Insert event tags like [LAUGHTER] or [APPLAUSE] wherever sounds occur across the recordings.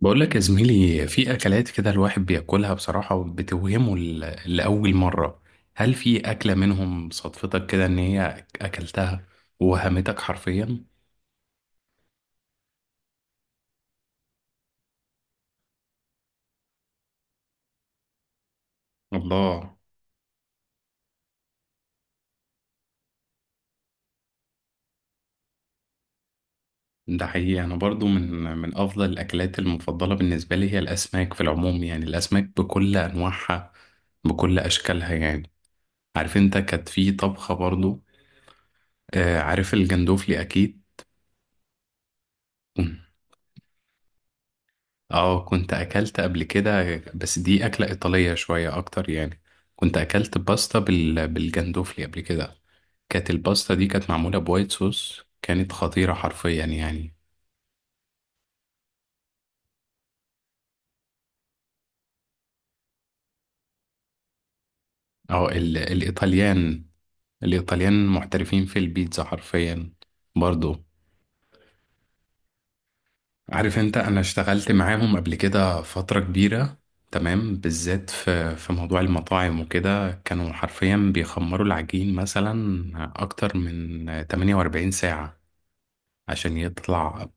بقول لك يا زميلي، في اكلات كده الواحد بياكلها بصراحة وبتوهمه لأول مرة. هل في اكلة منهم صدفتك كده ان هي اكلتها ووهمتك حرفيا؟ الله. ده حقيقي، انا برضو من افضل الاكلات المفضلة بالنسبة لي هي الاسماك في العموم، يعني الاسماك بكل انواعها بكل اشكالها يعني. عارف انت، كانت في طبخة برضو. آه، عارف الجندوفلي اكيد. اه، كنت اكلت قبل كده بس دي اكلة ايطالية شوية اكتر يعني. كنت اكلت باستا بالجندوفلي قبل كده. كانت الباستا دي كانت معمولة بوايت صوص، كانت خطيرة حرفيا يعني. اه، الايطاليان محترفين في البيتزا حرفيا. برضو. عارف انت، انا اشتغلت معاهم قبل كده فترة كبيرة. تمام، بالذات في موضوع المطاعم وكده كانوا حرفيا بيخمروا العجين مثلا اكتر من 48 ساعة عشان يطلع.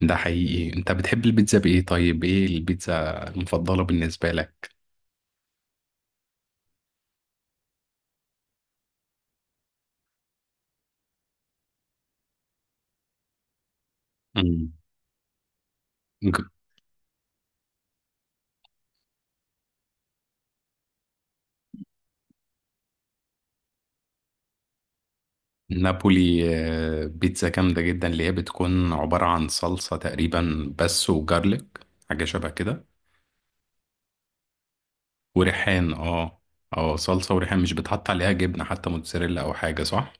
ده حقيقي، انت بتحب البيتزا بايه؟ طيب ايه البيتزا المفضلة بالنسبة لك؟ مم. ج- نابولي. بيتزا جامدة جدا اللي هي بتكون عبارة عن صلصة تقريبا بس وجارليك، حاجة شبه كده. وريحان، اه. اه، صلصة وريحان، مش بتحط عليها جبنة حتى موتزاريلا او حاجة، صح؟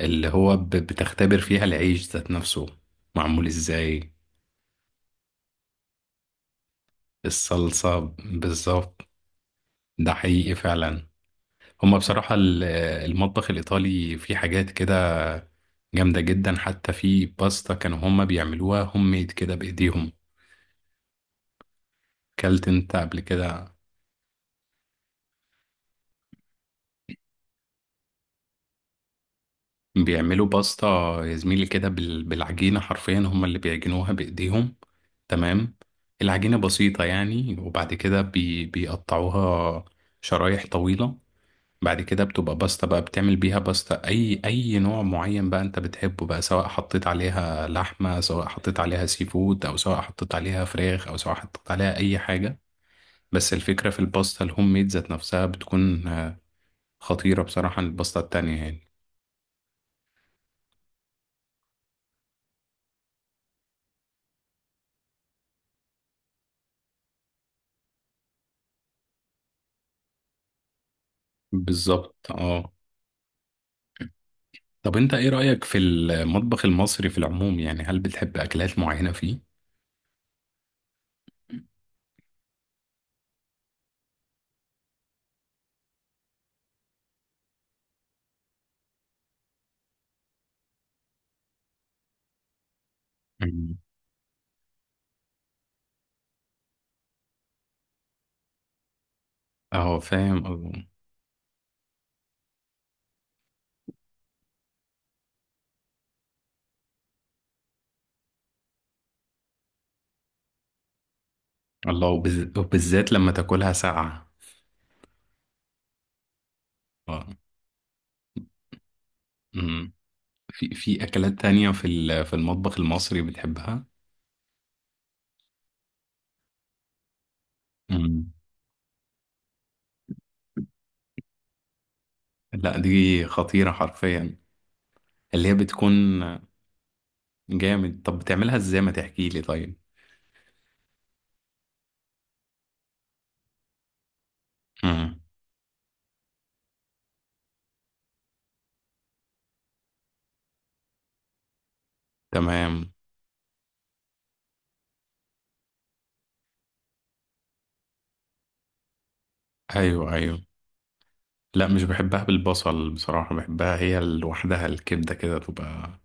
اللي هو بتختبر فيها العيش ذات نفسه. معمول ازاي. الصلصة بالظبط. ده حقيقي فعلا. هما بصراحة المطبخ الإيطالي فيه حاجات كده جامدة جدا، حتى في باستا كانوا هما بيعملوها هوم ميد كده بإيديهم. كلت أنت قبل كده؟ بيعملوا باستا. يا زميلي كده بالعجينة حرفيا هما اللي بيعجنوها بإيديهم. تمام. العجينة بسيطة يعني، وبعد كده بيقطعوها شرايح طويلة. بعد كده بتبقى باستا بقى، بتعمل بيها باستا اي نوع معين بقى انت بتحبه بقى، سواء حطيت عليها لحمة، سواء حطيت عليها سي فود، او سواء حطيت عليها فراخ، او سواء حطيت عليها اي حاجة. بس الفكرة في الباستا الهوم ميد ذات نفسها بتكون خطيرة بصراحة عن الباستا التانية يعني. بالظبط، اه. طب انت ايه رأيك في المطبخ المصري في العموم يعني؟ هل بتحب اكلات معينة فيه؟ مم. اه، فاهم. الله، وبالذات لما تاكلها ساقعة. اه، في أكلات تانية في المطبخ المصري بتحبها؟ مم. لا، دي خطيرة حرفيا. اللي هي بتكون. جامد، طب بتعملها ازاي؟ ما تحكي لي طيب. مم. تمام. ايوه، ايوه. لا، مش بحبها بالبصل بصراحة، بحبها هي لوحدها الكبدة كده تبقى.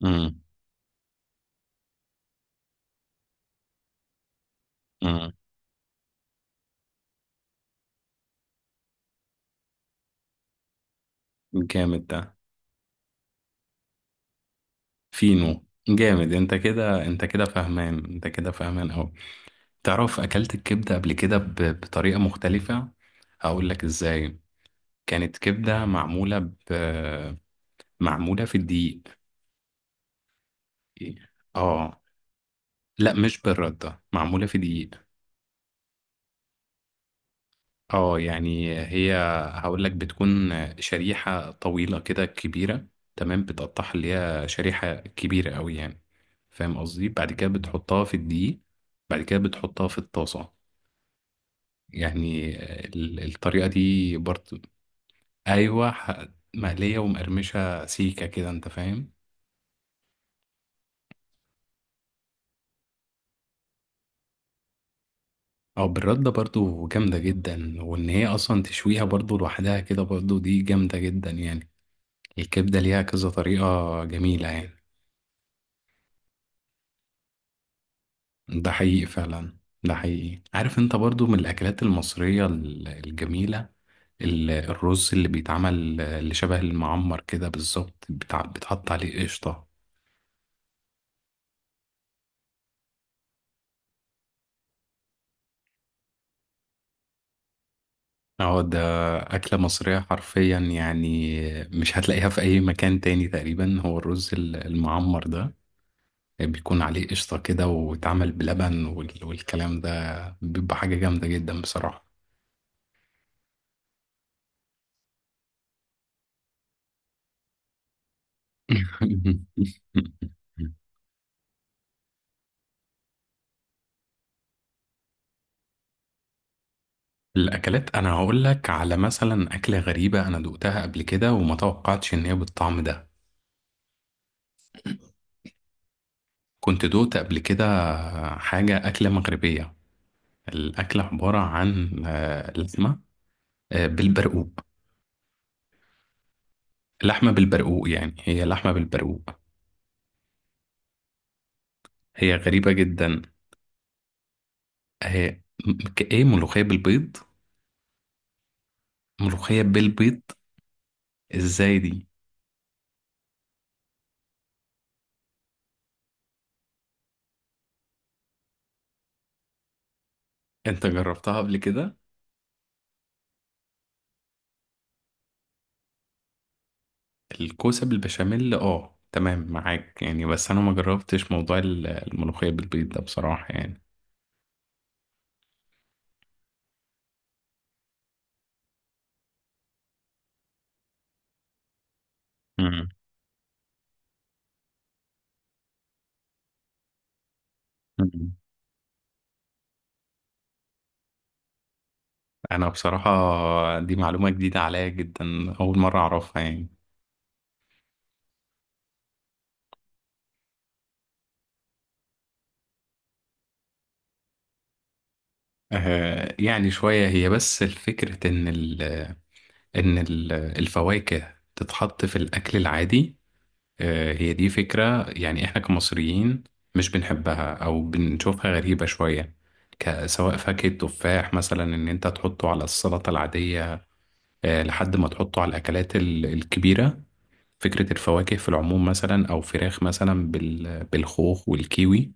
مم. مم. جامد ده. فينو. جامد، انت كده فاهمان، انت كده فاهمان اوي. تعرف، اكلت الكبدة قبل كده بطريقة مختلفة. هقول لك ازاي. كانت كبدة معمولة معمولة في الدقيق. اه. لا، مش بالردة، معمولة في دقيق. اه يعني هقول لك بتكون شريحة طويلة كده كبيرة. تمام، بتقطعها اللي هي شريحة كبيرة قوي يعني، فاهم قصدي، بعد كده بتحطها في الدقيق. بعد كده بتحطها في الطاسة يعني، الطريقة دي برضو. ايوه، مقلية ومقرمشة سيكة كده، انت فاهم. او بالردة برضو جامدة جدا، وان هي اصلا تشويها برضو لوحدها كده برضو دي جامدة جدا يعني. الكبدة ليها كذا طريقة جميلة يعني. ده حقيقي فعلا. ده حقيقي، عارف انت برضو، من الاكلات المصرية الجميلة، الرز اللي بيتعمل اللي شبه المعمر كده بالظبط، بتحط عليه قشطة. اه، ده أكلة مصرية حرفيا يعني، مش هتلاقيها في أي مكان تاني تقريبا، هو الرز المعمر ده بيكون عليه قشطة كده واتعمل بلبن والكلام ده بيبقى حاجة جامدة جدا بصراحة. [LAUGHS] الأكلات، أنا هقول لك على مثلا أكلة غريبة أنا دقتها قبل كده وما توقعتش إن هي بالطعم ده. كنت دوقت قبل كده حاجة أكلة مغربية. الأكلة عبارة عن لحمة بالبرقوق. لحمة بالبرقوق، يعني هي لحمة بالبرقوق. هي غريبة جدا. هي كإيه ملوخية بالبيض؟ ملوخية بالبيض. ازاي دي؟ انت جربتها قبل كده؟ الكوسة بالبشاميل، اه تمام معاك يعني، بس انا ما جربتش موضوع الملوخية بالبيض ده بصراحة يعني. مم. مم. انا بصراحة، دي معلومة جديدة عليا جدا. اول مرة اعرفها يعني. آه يعني شوية هي، بس الفكرة ان ال الفواكه تتحط في الاكل العادي. هي دي فكرة، يعني احنا كمصريين مش بنحبها او بنشوفها غريبة شوية. سواء فاكهة تفاح مثلا ان انت تحطه على السلطة العادية، لحد ما تحطه على الاكلات الكبيرة. فكرة الفواكه في العموم مثلا، او فراخ مثلا بالخوخ والكيوي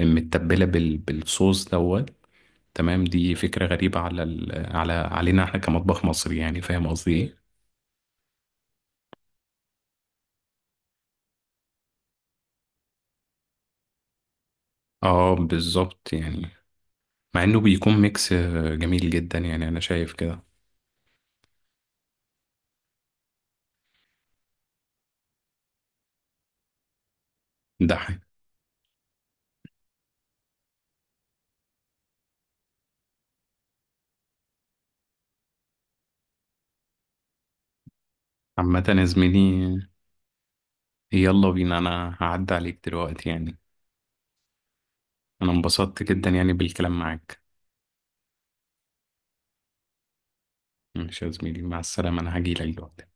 متبلة بالصوص دوت. تمام، دي فكرة غريبة على علينا احنا كمطبخ مصري يعني، فاهم قصدي ايه؟ اه، بالظبط يعني. مع انه بيكون ميكس جميل جدا يعني، انا شايف كده. ده حاجة. عامة يا زميلي، يلا بينا، انا هعدي عليك دلوقتي يعني. انا انبسطت جدا يعني بالكلام معاك. ماشي يا زميلي، مع السلامة، انا هجيلك دلوقتي.